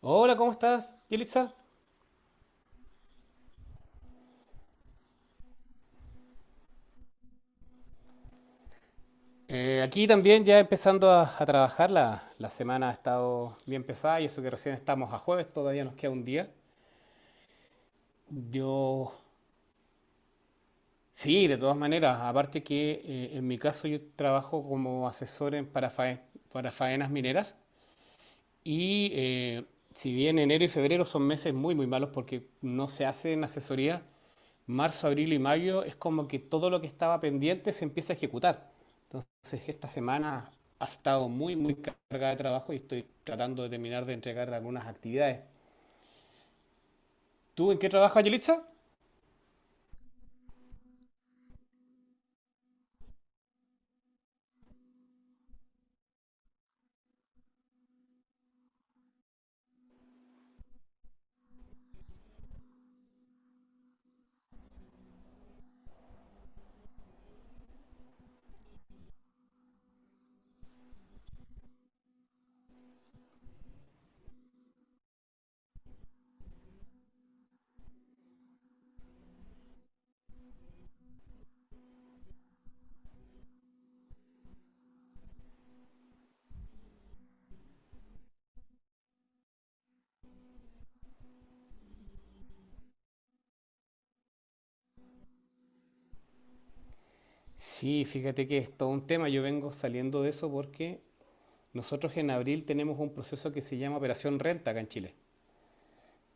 Hola, ¿cómo estás, Yelitza? Aquí también ya empezando a trabajar, la semana ha estado bien pesada y eso que recién estamos a jueves, todavía nos queda un día. Yo, sí, de todas maneras, aparte que en mi caso yo trabajo como asesor para faenas mineras y si bien enero y febrero son meses muy, muy malos porque no se hacen asesoría, marzo, abril y mayo es como que todo lo que estaba pendiente se empieza a ejecutar. Entonces, esta semana ha estado muy, muy cargada de trabajo y estoy tratando de terminar de entregar algunas actividades. ¿Tú en qué trabajas, Yelitza? Sí, fíjate que es todo un tema. Yo vengo saliendo de eso porque nosotros en abril tenemos un proceso que se llama Operación Renta acá en Chile,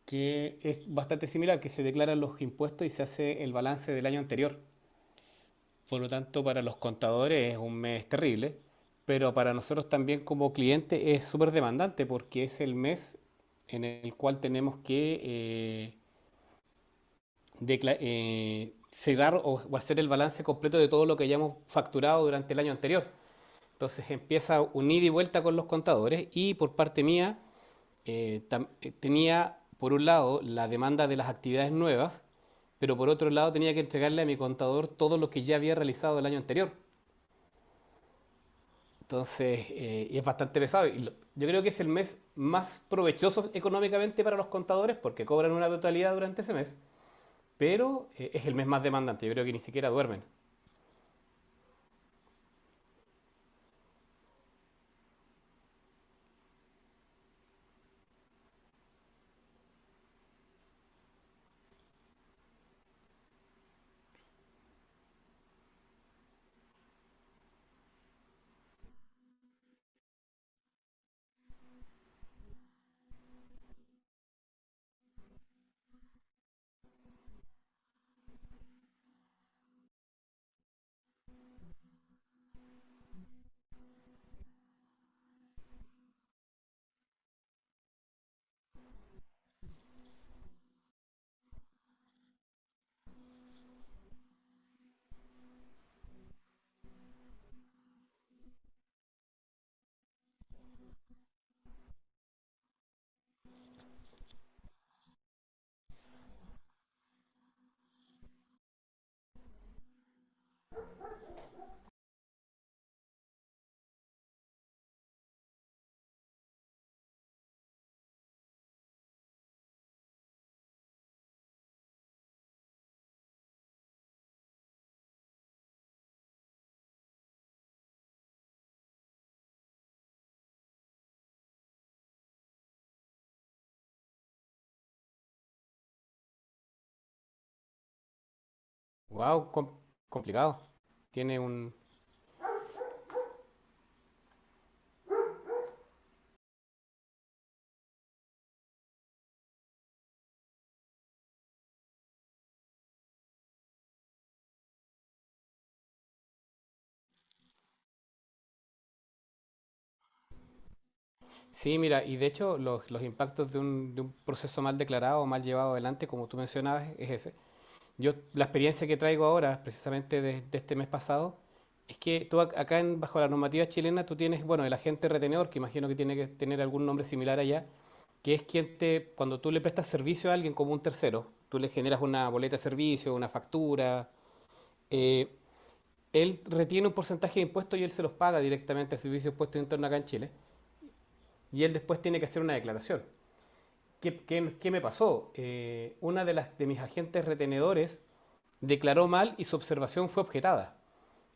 que es bastante similar, que se declaran los impuestos y se hace el balance del año anterior. Por lo tanto, para los contadores es un mes terrible, pero para nosotros también como cliente es súper demandante porque es el mes en el cual tenemos que cerrar o hacer el balance completo de todo lo que hayamos facturado durante el año anterior. Entonces empieza un ida y vuelta con los contadores y por parte mía tenía por un lado la demanda de las actividades nuevas, pero por otro lado tenía que entregarle a mi contador todo lo que ya había realizado el año anterior. Entonces, y es bastante pesado. Yo creo que es el mes más provechoso económicamente para los contadores porque cobran una totalidad durante ese mes, pero es el mes más demandante. Yo creo que ni siquiera duermen. Wow, complicado. Tiene un... Sí, mira, y de hecho los impactos de un proceso mal declarado o mal llevado adelante, como tú mencionabas, es ese. Yo, la experiencia que traigo ahora, precisamente de este mes pasado, es que tú acá, en- bajo la normativa chilena, tú tienes, bueno, el agente retenedor, que imagino que tiene que tener algún nombre similar allá, que es quien te, cuando tú le prestas servicio a alguien como un tercero, tú le generas una boleta de servicio, una factura, eh, él retiene un porcentaje de impuestos y él se los paga directamente al Servicio de Impuestos Internos acá en Chile, y él después tiene que hacer una declaración. Qué me pasó? Una de mis agentes retenedores declaró mal y su observación fue objetada.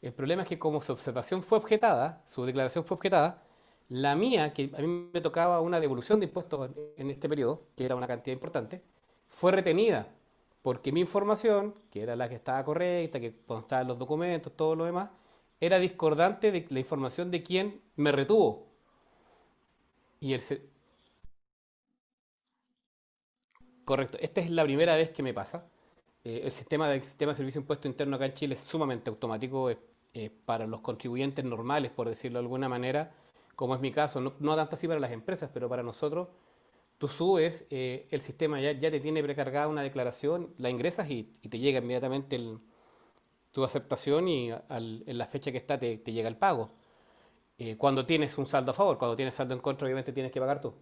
El problema es que como su observación fue objetada, su declaración fue objetada, la mía, que a mí me tocaba una devolución de impuestos en este periodo, que era una cantidad importante, fue retenida porque mi información, que era la que estaba correcta, que constaba en los documentos, todo lo demás, era discordante de la información de quien me retuvo. Y el, Correcto, esta es la primera vez que me pasa. El sistema de servicio de impuesto interno acá en Chile es sumamente automático, para los contribuyentes normales, por decirlo de alguna manera, como es mi caso, no, no tanto así para las empresas, pero para nosotros, tú subes, el sistema ya te tiene precargada una declaración, la ingresas y te llega inmediatamente el- tu aceptación y al- en la fecha que está te, te llega el pago. Cuando tienes un saldo a favor, cuando tienes saldo en contra, obviamente tienes que pagar tú.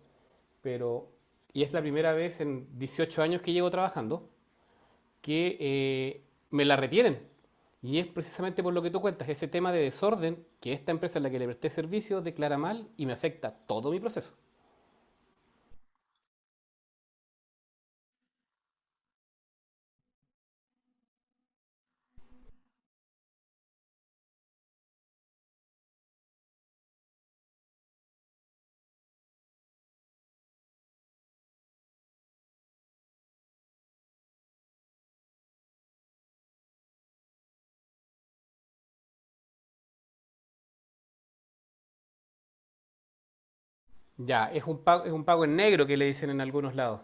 Pero, y es la primera vez en 18 años que llevo trabajando que me la retienen. Y es precisamente por lo que tú cuentas, ese tema de desorden que esta empresa a la que le presté servicio declara mal y me afecta todo mi proceso. Ya, es un pago en negro que le dicen en algunos lados.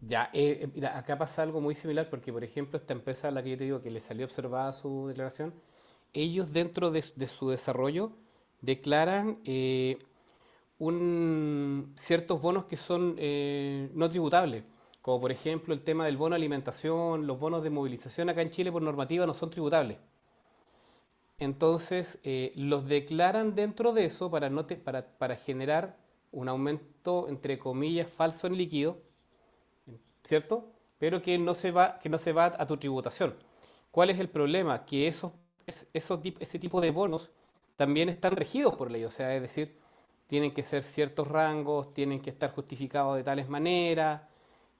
Ya, mira, acá pasa algo muy similar porque, por ejemplo, esta empresa a la que yo te digo que le salió observada su declaración, ellos dentro de su desarrollo declaran ciertos bonos que son no tributables, como por ejemplo el tema del bono de alimentación, los bonos de movilización acá en Chile por normativa no son tributables. Entonces los declaran dentro de eso para, no te- para generar un aumento, entre comillas, falso en líquido, ¿cierto? Pero que no se va a tu tributación. ¿Cuál es el problema? Que ese tipo de bonos también están regidos por ley, o sea, es decir, tienen que ser ciertos rangos, tienen que estar justificados de tales maneras,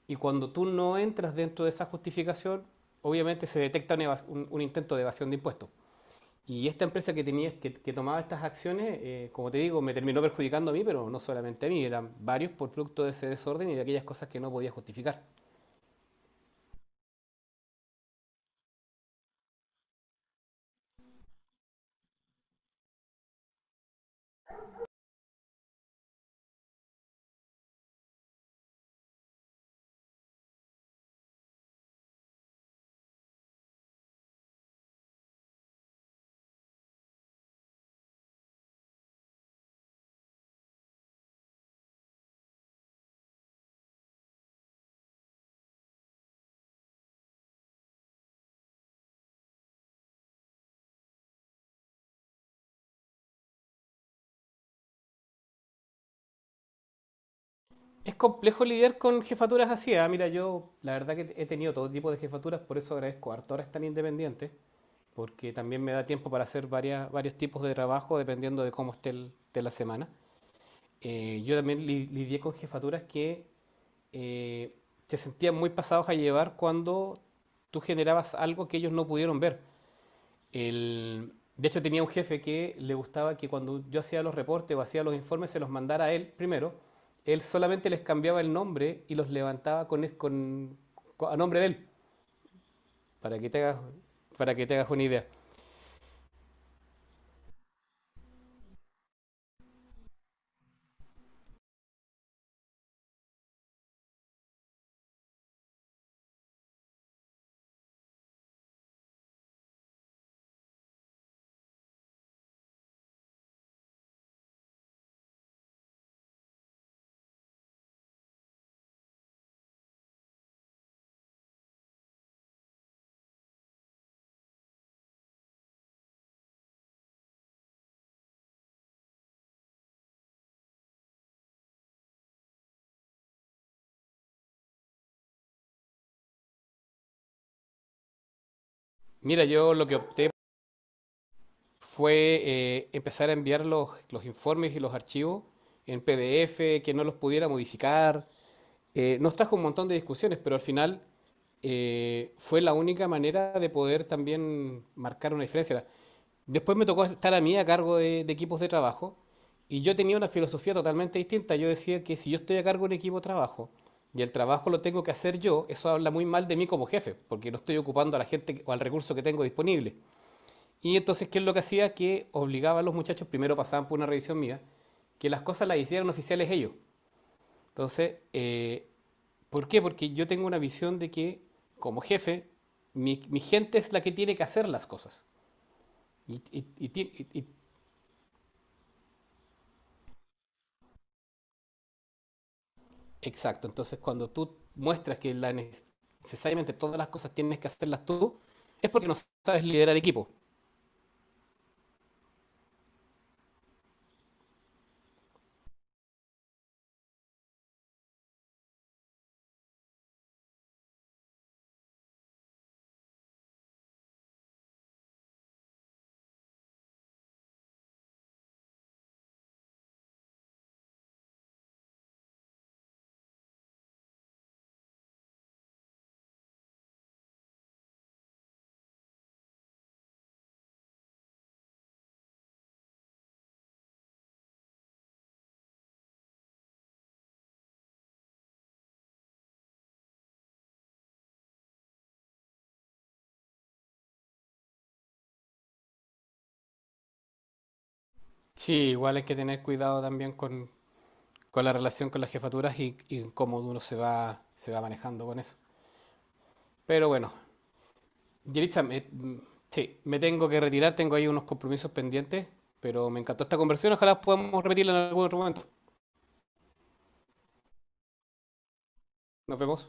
y cuando tú no entras dentro de esa justificación, obviamente se detecta un intento de evasión de impuestos. Y esta empresa que tomaba estas acciones, como te digo, me terminó perjudicando a mí, pero no solamente a mí, eran varios por producto de ese desorden y de aquellas cosas que no podía justificar. Es complejo lidiar con jefaturas así. Mira, yo la verdad que he tenido todo tipo de jefaturas, por eso agradezco harto ahora estar independiente, porque también me da tiempo para hacer varios tipos de trabajo dependiendo de cómo esté el- de la semana. Yo también lidié con jefaturas que eh, se sentían muy pasados a llevar cuando tú generabas algo que ellos no pudieron ver. El- de hecho, tenía un jefe que le gustaba que cuando yo hacía los reportes o hacía los informes se los mandara a él primero. Él solamente les cambiaba el nombre y los levantaba a nombre de él, para que te hagas, para que te hagas una idea. Mira, yo lo que opté fue empezar a enviar los informes y los archivos en PDF, que no los pudiera modificar, nos trajo un montón de discusiones, pero al final fue la única manera de poder también marcar una diferencia. Después me tocó estar a mí a cargo de equipos de trabajo y yo tenía una filosofía totalmente distinta. Yo decía que si yo estoy a cargo de un equipo de trabajo y el trabajo lo tengo que hacer yo, eso habla muy mal de mí como jefe, porque no estoy ocupando a la gente o al recurso que tengo disponible. Y entonces, ¿qué es lo que hacía? Que obligaba a los muchachos, primero pasaban por una revisión mía, que las cosas las hicieran oficiales ellos. Entonces, ¿por qué? Porque yo tengo una visión de que como jefe, mi gente es la que tiene que hacer las cosas. Y- y- y y- y- exacto, entonces cuando tú muestras que la necesariamente todas las cosas tienes que hacerlas tú, es porque no sabes liderar equipo. Sí, igual hay que tener cuidado también con la relación con las jefaturas y cómo uno se va manejando con eso. Pero bueno, Yelitza, sí, me tengo que retirar, tengo ahí unos compromisos pendientes, pero me encantó esta conversión, ojalá podamos repetirla en algún otro momento. Nos vemos.